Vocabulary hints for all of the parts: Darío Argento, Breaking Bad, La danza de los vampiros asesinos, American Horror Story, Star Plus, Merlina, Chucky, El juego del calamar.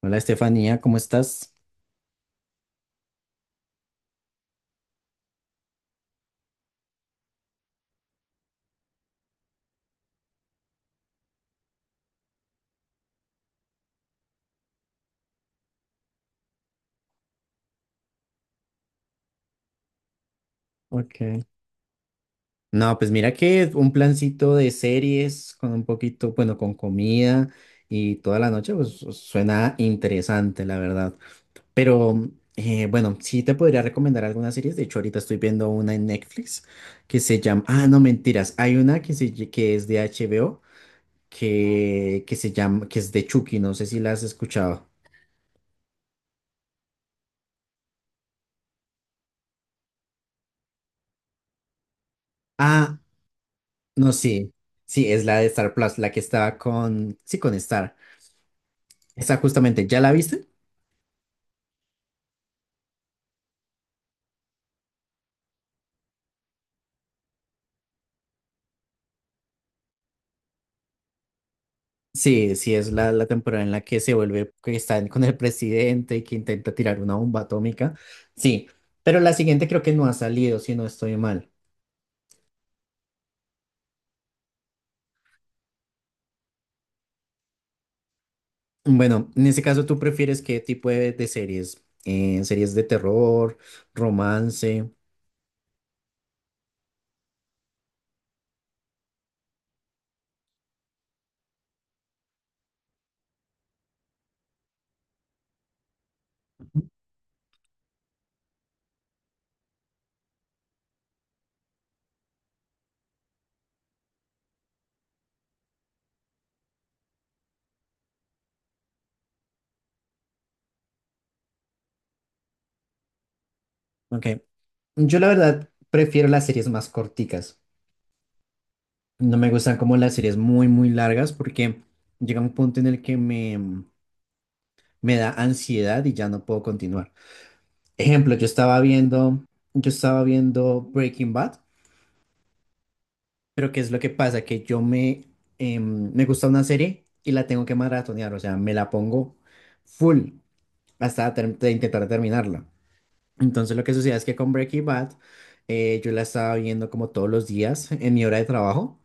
Hola Estefanía, ¿cómo estás? Ok. No, pues mira que un plancito de series con un poquito, bueno, con comida y toda la noche, pues, suena interesante, la verdad. Pero bueno, sí te podría recomendar algunas series. De hecho, ahorita estoy viendo una en Netflix que se llama, ah, no, mentiras, hay una que es de HBO que se llama, que es de Chucky, no sé si la has escuchado. Ah, no, sí, sí, es la de Star Plus, la que estaba con, sí, con Star. Esa justamente, ¿ya la viste? Sí, sí, es la temporada en la que se vuelve, que está con el presidente y que intenta tirar una bomba atómica. Sí, pero la siguiente creo que no ha salido, si no estoy mal. Bueno, en ese caso, ¿tú prefieres qué tipo de series? ¿Series de terror, romance? Ok, yo la verdad prefiero las series más corticas. No me gustan como las series muy largas porque llega un punto en el que me da ansiedad y ya no puedo continuar. Ejemplo, yo estaba viendo Breaking Bad, pero ¿qué es lo que pasa? Que me gusta una serie y la tengo que maratonear, o sea, me la pongo full hasta intentar terminarla. Entonces lo que sucede es que con Breaking Bad yo la estaba viendo como todos los días en mi hora de trabajo,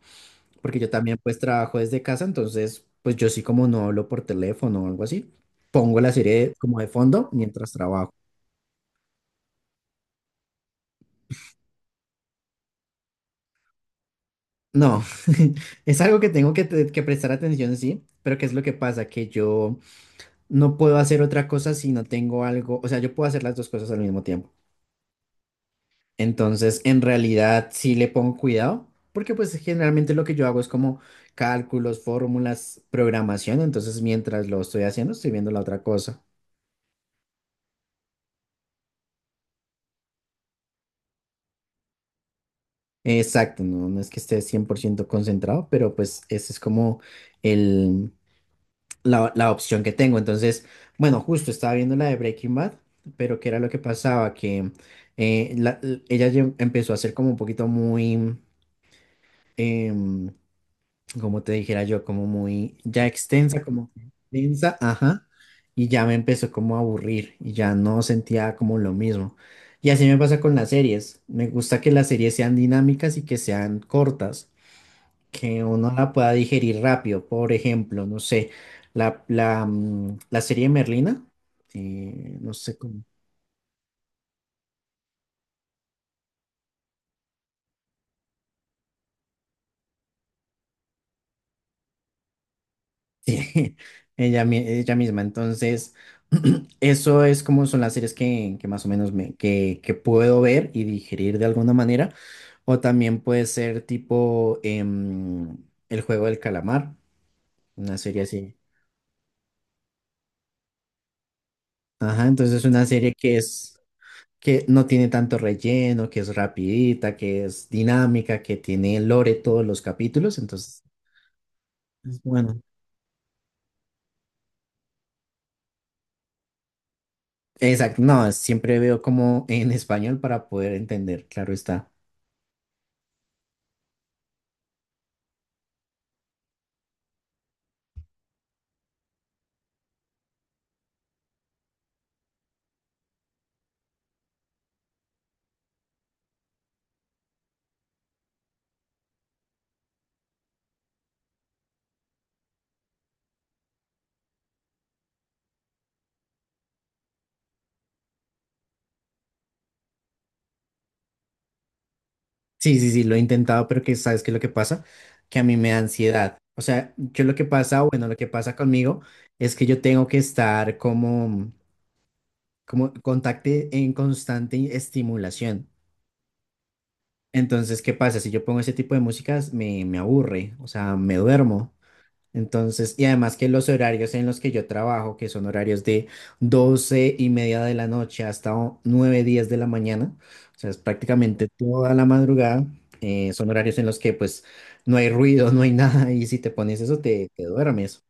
porque yo también pues trabajo desde casa, entonces pues yo sí como no hablo por teléfono o algo así, pongo la serie como de fondo mientras trabajo. No, es algo que tengo que, que prestar atención, sí, pero ¿qué es lo que pasa? Que yo no puedo hacer otra cosa si no tengo algo, o sea, yo puedo hacer las dos cosas al mismo tiempo. Entonces, en realidad, sí le pongo cuidado, porque pues generalmente lo que yo hago es como cálculos, fórmulas, programación, entonces mientras lo estoy haciendo, estoy viendo la otra cosa. Exacto, no, no es que esté 100% concentrado, pero pues ese es como el, la opción que tengo. Entonces, bueno, justo estaba viendo la de Breaking Bad, pero ¿qué era lo que pasaba? Que ella empezó a ser como un poquito muy, em, como te dijera yo, como muy ya extensa, como extensa, ajá, y ya me empezó como a aburrir y ya no sentía como lo mismo. Y así me pasa con las series. Me gusta que las series sean dinámicas y que sean cortas que uno la pueda digerir rápido. Por ejemplo, no sé, la serie Merlina, no sé cómo, sí, ella, ella misma. Entonces, eso es como son las series que más o menos que puedo ver y digerir de alguna manera. O también puede ser tipo El juego del calamar, una serie así. Ajá, entonces es una serie que es... que no tiene tanto relleno, que es rapidita, que es dinámica, que tiene lore todos los capítulos, entonces, es bueno. Exacto, no, siempre veo como en español para poder entender, claro está. Sí, sí, sí, lo he intentado, pero que sabes qué es lo que pasa, que a mí me da ansiedad. O sea, yo lo que pasa, bueno, lo que pasa conmigo es que yo tengo que estar como, como contacte en constante estimulación. Entonces, ¿qué pasa? Si yo pongo ese tipo de músicas, me aburre, o sea, me duermo. Entonces, y además que los horarios en los que yo trabajo, que son horarios de 12 y media de la noche hasta 9, 10 de la mañana, o sea, es prácticamente toda la madrugada, son horarios en los que pues no hay ruido, no hay nada, y si te pones eso, te duermes.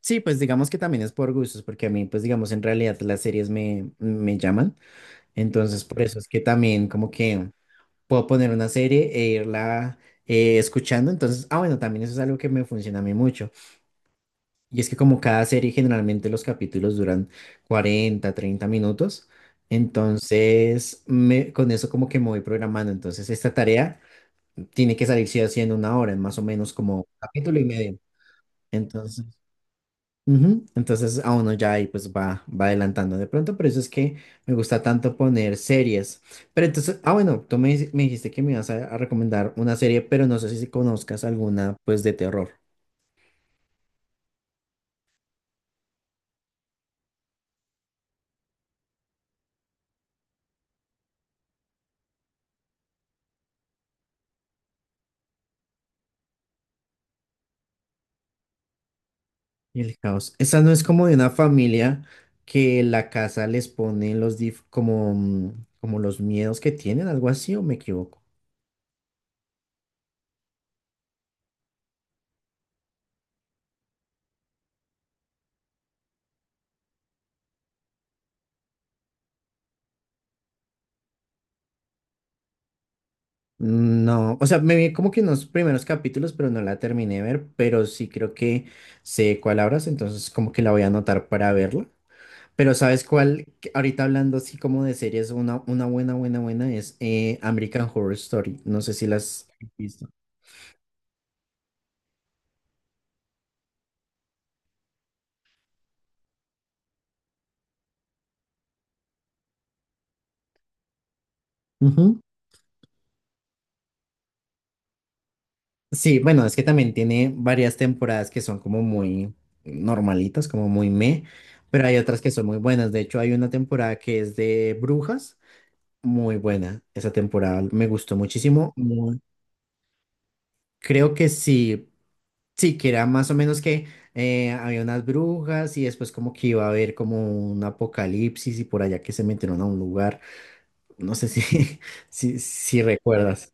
Sí, pues digamos que también es por gustos, porque a mí pues digamos en realidad las series me llaman, entonces por eso es que también como que puedo poner una serie e irla escuchando, entonces, ah bueno, también eso es algo que me funciona a mí mucho. Y es que como cada serie generalmente los capítulos duran 40 30 minutos, entonces con eso como que me voy programando. Entonces esta tarea tiene que salir sí haciendo una hora, en más o menos como capítulo y medio. Entonces, ujú, entonces a uno ya ahí pues va adelantando de pronto, por eso es que me gusta tanto poner series. Pero entonces, ah bueno, me dijiste que me ibas a recomendar una serie, pero no sé si conozcas alguna pues de terror. Y el caos. Esa no es como de una familia que la casa les pone los como los miedos que tienen, algo así, o me equivoco. No, o sea, me vi como que en los primeros capítulos, pero no la terminé de ver, pero sí creo que sé cuál hablas, entonces como que la voy a anotar para verla. Pero ¿sabes cuál? Que ahorita hablando así como de series, una buena es American Horror Story. No sé si las has visto. Sí, bueno, es que también tiene varias temporadas que son como muy normalitas, como muy meh, pero hay otras que son muy buenas. De hecho, hay una temporada que es de brujas, muy buena. Esa temporada me gustó muchísimo. Muy- Creo que sí, sí, que era más o menos que había unas brujas y después como que iba a haber como un apocalipsis y por allá que se metieron a un lugar. No sé si, si recuerdas.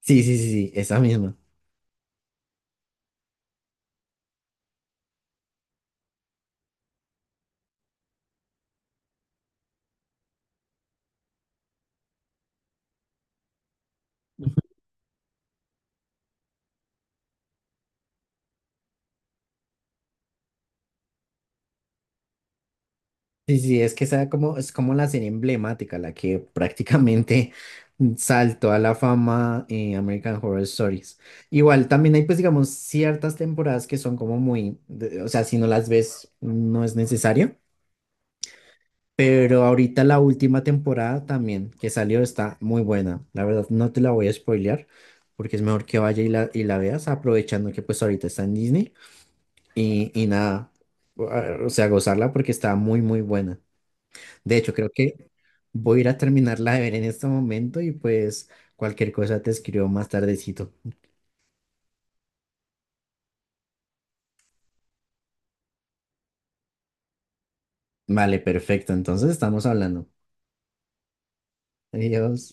Sí, sí, sí, sí, esa misma. Sí, sí, es que esa como, es como la serie emblemática, la que prácticamente saltó a la fama en American Horror Stories. Igual también hay pues digamos ciertas temporadas que son como muy, de- o sea, si no las ves no es necesario, pero ahorita la última temporada también que salió está muy buena. La verdad no te la voy a spoilear porque es mejor que vaya y y la veas aprovechando que pues ahorita está en Disney y nada, o sea, gozarla porque está muy muy buena. De hecho, creo que voy a ir a terminarla de ver en este momento y pues cualquier cosa te escribo más tardecito. Vale, perfecto. Entonces estamos hablando. Adiós.